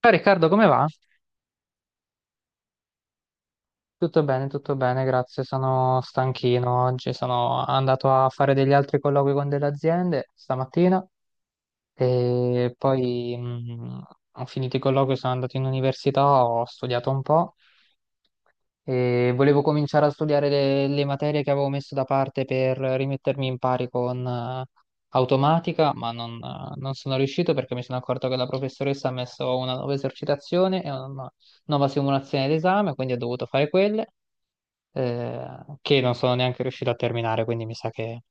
Ciao Riccardo, come va? Tutto bene, grazie. Sono stanchino oggi, sono andato a fare degli altri colloqui con delle aziende stamattina e poi ho finito i colloqui, sono andato in università, ho studiato un po' e volevo cominciare a studiare le materie che avevo messo da parte per rimettermi in pari con automatica, ma non, non sono riuscito perché mi sono accorto che la professoressa ha messo una nuova esercitazione e una nuova simulazione d'esame, quindi ho dovuto fare quelle. eh, che non sono neanche riuscito a terminare, quindi mi sa che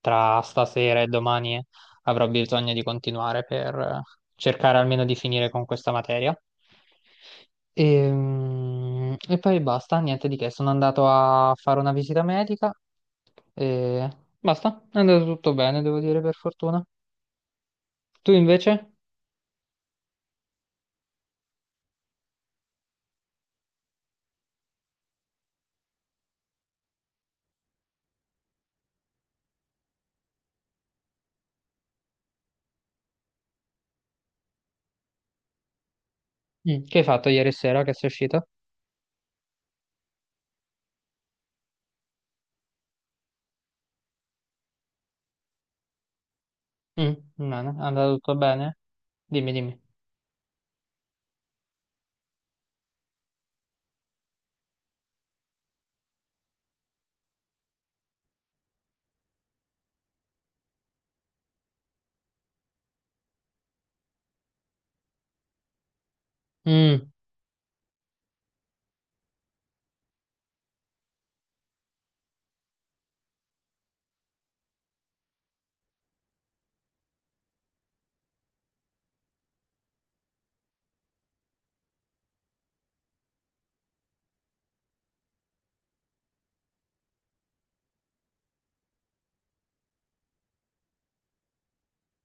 tra stasera e domani avrò bisogno di continuare per cercare almeno di finire con questa materia. E poi basta, niente di che, sono andato a fare una visita medica e basta, è andato tutto bene, devo dire, per fortuna. Tu invece? Mm. Che hai fatto ieri sera che sei uscito? Mm, bene, è andato tutto bene? Dimmi, dimmi. Mm.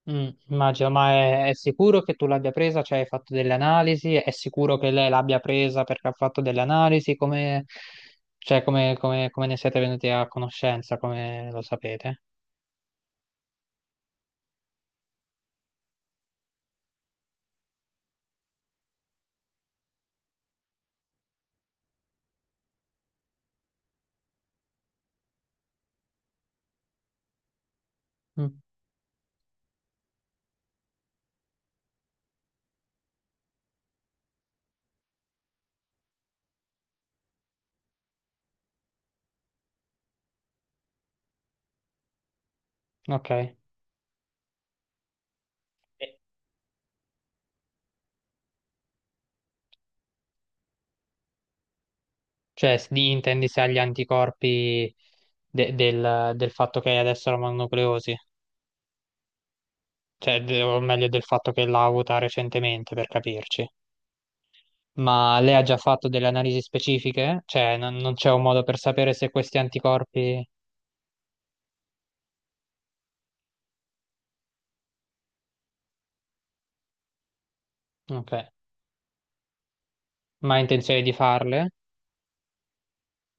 Mm, immagino, ma è sicuro che tu l'abbia presa? Cioè, hai fatto delle analisi? È sicuro che lei l'abbia presa perché ha fatto delle analisi? Come, cioè, come, come ne siete venuti a conoscenza? Come lo sapete? Mm, ok. Eh, cioè, intendi se ha gli anticorpi del fatto che adesso la mononucleosi? Cioè, o meglio, del fatto che l'ha avuta recentemente, per capirci. Ma lei ha già fatto delle analisi specifiche? Cioè, non non c'è un modo per sapere se questi anticorpi... Ok. Ma ha intenzione di farle?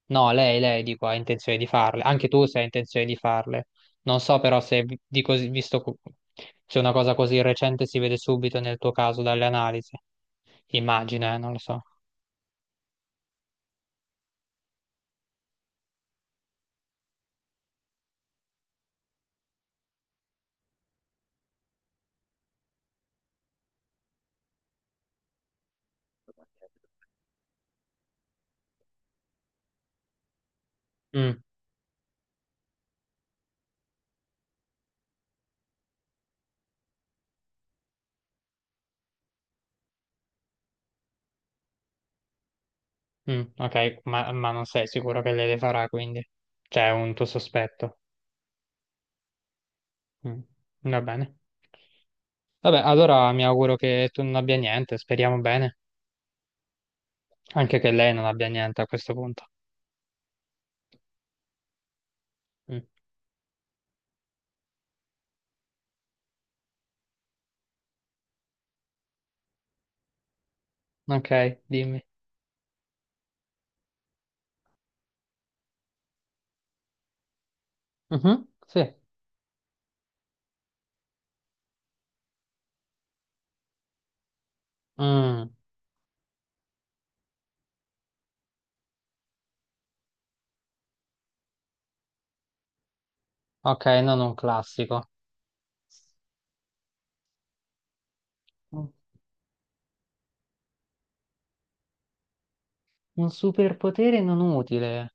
No, lei, dico, ha intenzione di farle. Anche tu se hai intenzione di farle. Non so però se, visto se una cosa così recente si vede subito nel tuo caso dalle analisi. Immagina, non lo so. Mm, mm, ok, ma non sei sicuro che lei le farà, quindi c'è un tuo sospetto. Mm, va bene. Vabbè, allora mi auguro che tu non abbia niente, speriamo bene. Anche che lei non abbia niente a questo punto. Mm, ok, dimmi. Mhm, sì. Mm, ok, non un classico. Un un superpotere non utile.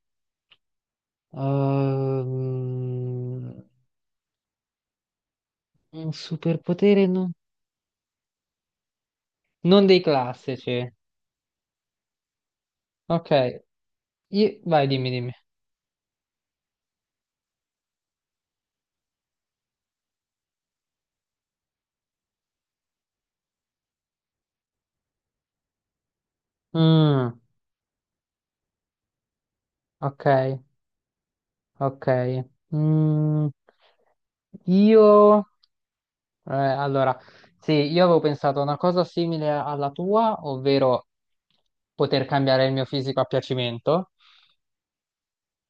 Ehm, un superpotere non... non dei classici. Ok, vai, dimmi, dimmi. Mm, ok, ok. Mm, io, eh, allora, sì, io avevo pensato a una cosa simile alla tua, ovvero poter cambiare il mio fisico a piacimento,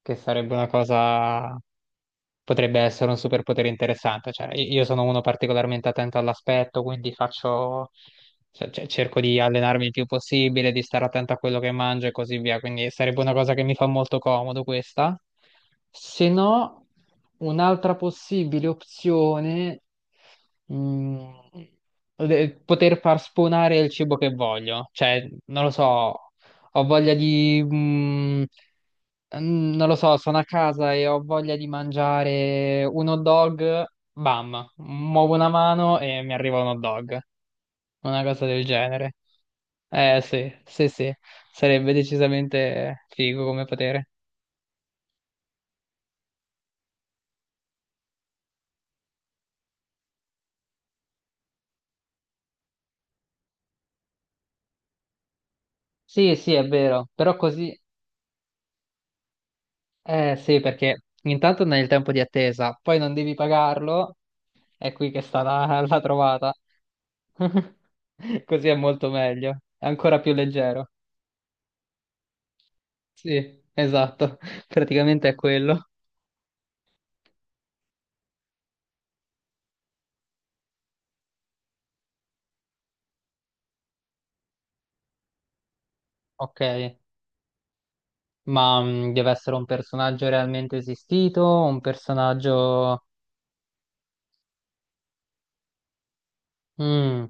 che sarebbe una cosa potrebbe essere un superpotere interessante. Cioè, io sono uno particolarmente attento all'aspetto, quindi faccio, cioè, cerco di allenarmi il più possibile, di stare attento a quello che mangio e così via. Quindi sarebbe una cosa che mi fa molto comodo questa. Se no, un'altra possibile opzione, mm, poter far spawnare il cibo che voglio. Cioè, non lo so, ho voglia di... Non lo so, sono a casa e ho voglia di mangiare un hot dog, bam, muovo una mano e mi arriva un hot dog, una cosa del genere. Eh sì, sì, sì, sarebbe decisamente figo come potere. Sì, sì, è vero, però così, eh sì, perché intanto non hai il tempo di attesa, poi non devi pagarlo, è qui che sta la trovata. Così è molto meglio, è ancora più leggero. Sì, esatto, praticamente è quello. Ok, ma deve essere un personaggio realmente esistito, un personaggio... Mm,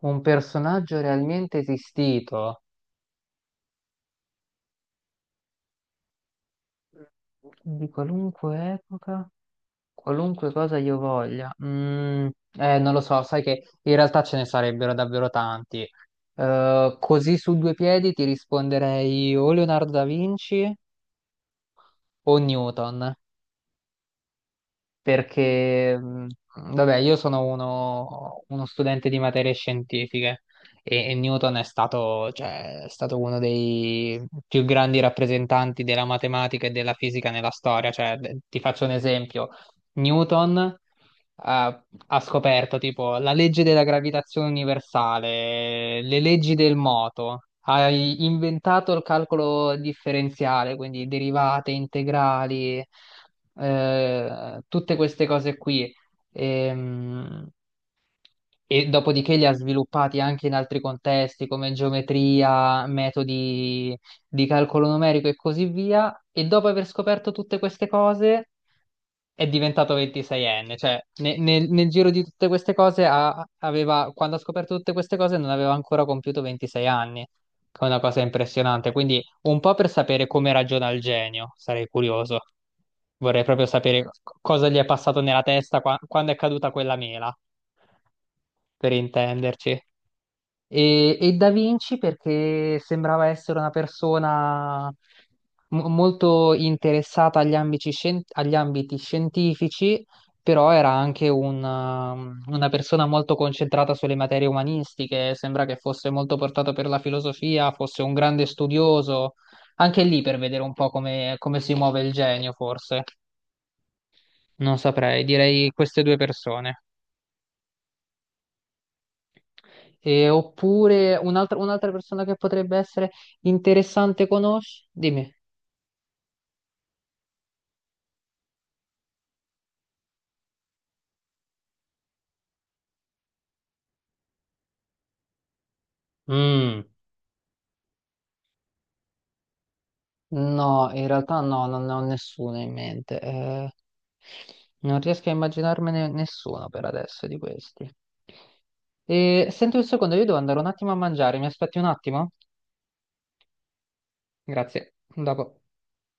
un personaggio realmente esistito di qualunque epoca, qualunque cosa io voglia. Mm, non lo so, sai che in realtà ce ne sarebbero davvero tanti. Così su due piedi ti risponderei o Leonardo da Vinci o Newton. Perché, vabbè, io sono uno studente di materie scientifiche e Newton è stato, cioè, è stato uno dei più grandi rappresentanti della matematica e della fisica nella storia. Cioè, ti faccio un esempio. Newton ha scoperto tipo la legge della gravitazione universale, le leggi del moto, hai inventato il calcolo differenziale, quindi derivate, integrali, tutte queste cose qui. Ehm, E dopodiché li ha sviluppati anche in altri contesti come geometria, metodi di calcolo numerico e così via. E dopo aver scoperto tutte queste cose è diventato 26enne, cioè nel giro di tutte queste cose aveva, quando ha scoperto tutte queste cose non aveva ancora compiuto 26 anni, che è una cosa impressionante, quindi un po' per sapere come ragiona il genio, sarei curioso, vorrei proprio sapere cosa gli è passato nella testa quando è caduta quella mela, per intenderci. E Da Vinci perché sembrava essere una persona molto interessata agli ambiti, agli ambiti scientifici, però era anche un, una persona molto concentrata sulle materie umanistiche, sembra che fosse molto portato per la filosofia, fosse un grande studioso, anche lì per vedere un po' come come si muove il genio, forse. Non saprei, direi queste due persone. E, oppure un'altra persona che potrebbe essere interessante conosci? Dimmi. Mm, no, in realtà no, non ne ho nessuno in mente. Non riesco a immaginarmene nessuno per adesso di questi. E, senti un secondo, io devo andare un attimo a mangiare, mi aspetti un attimo? Grazie, a dopo.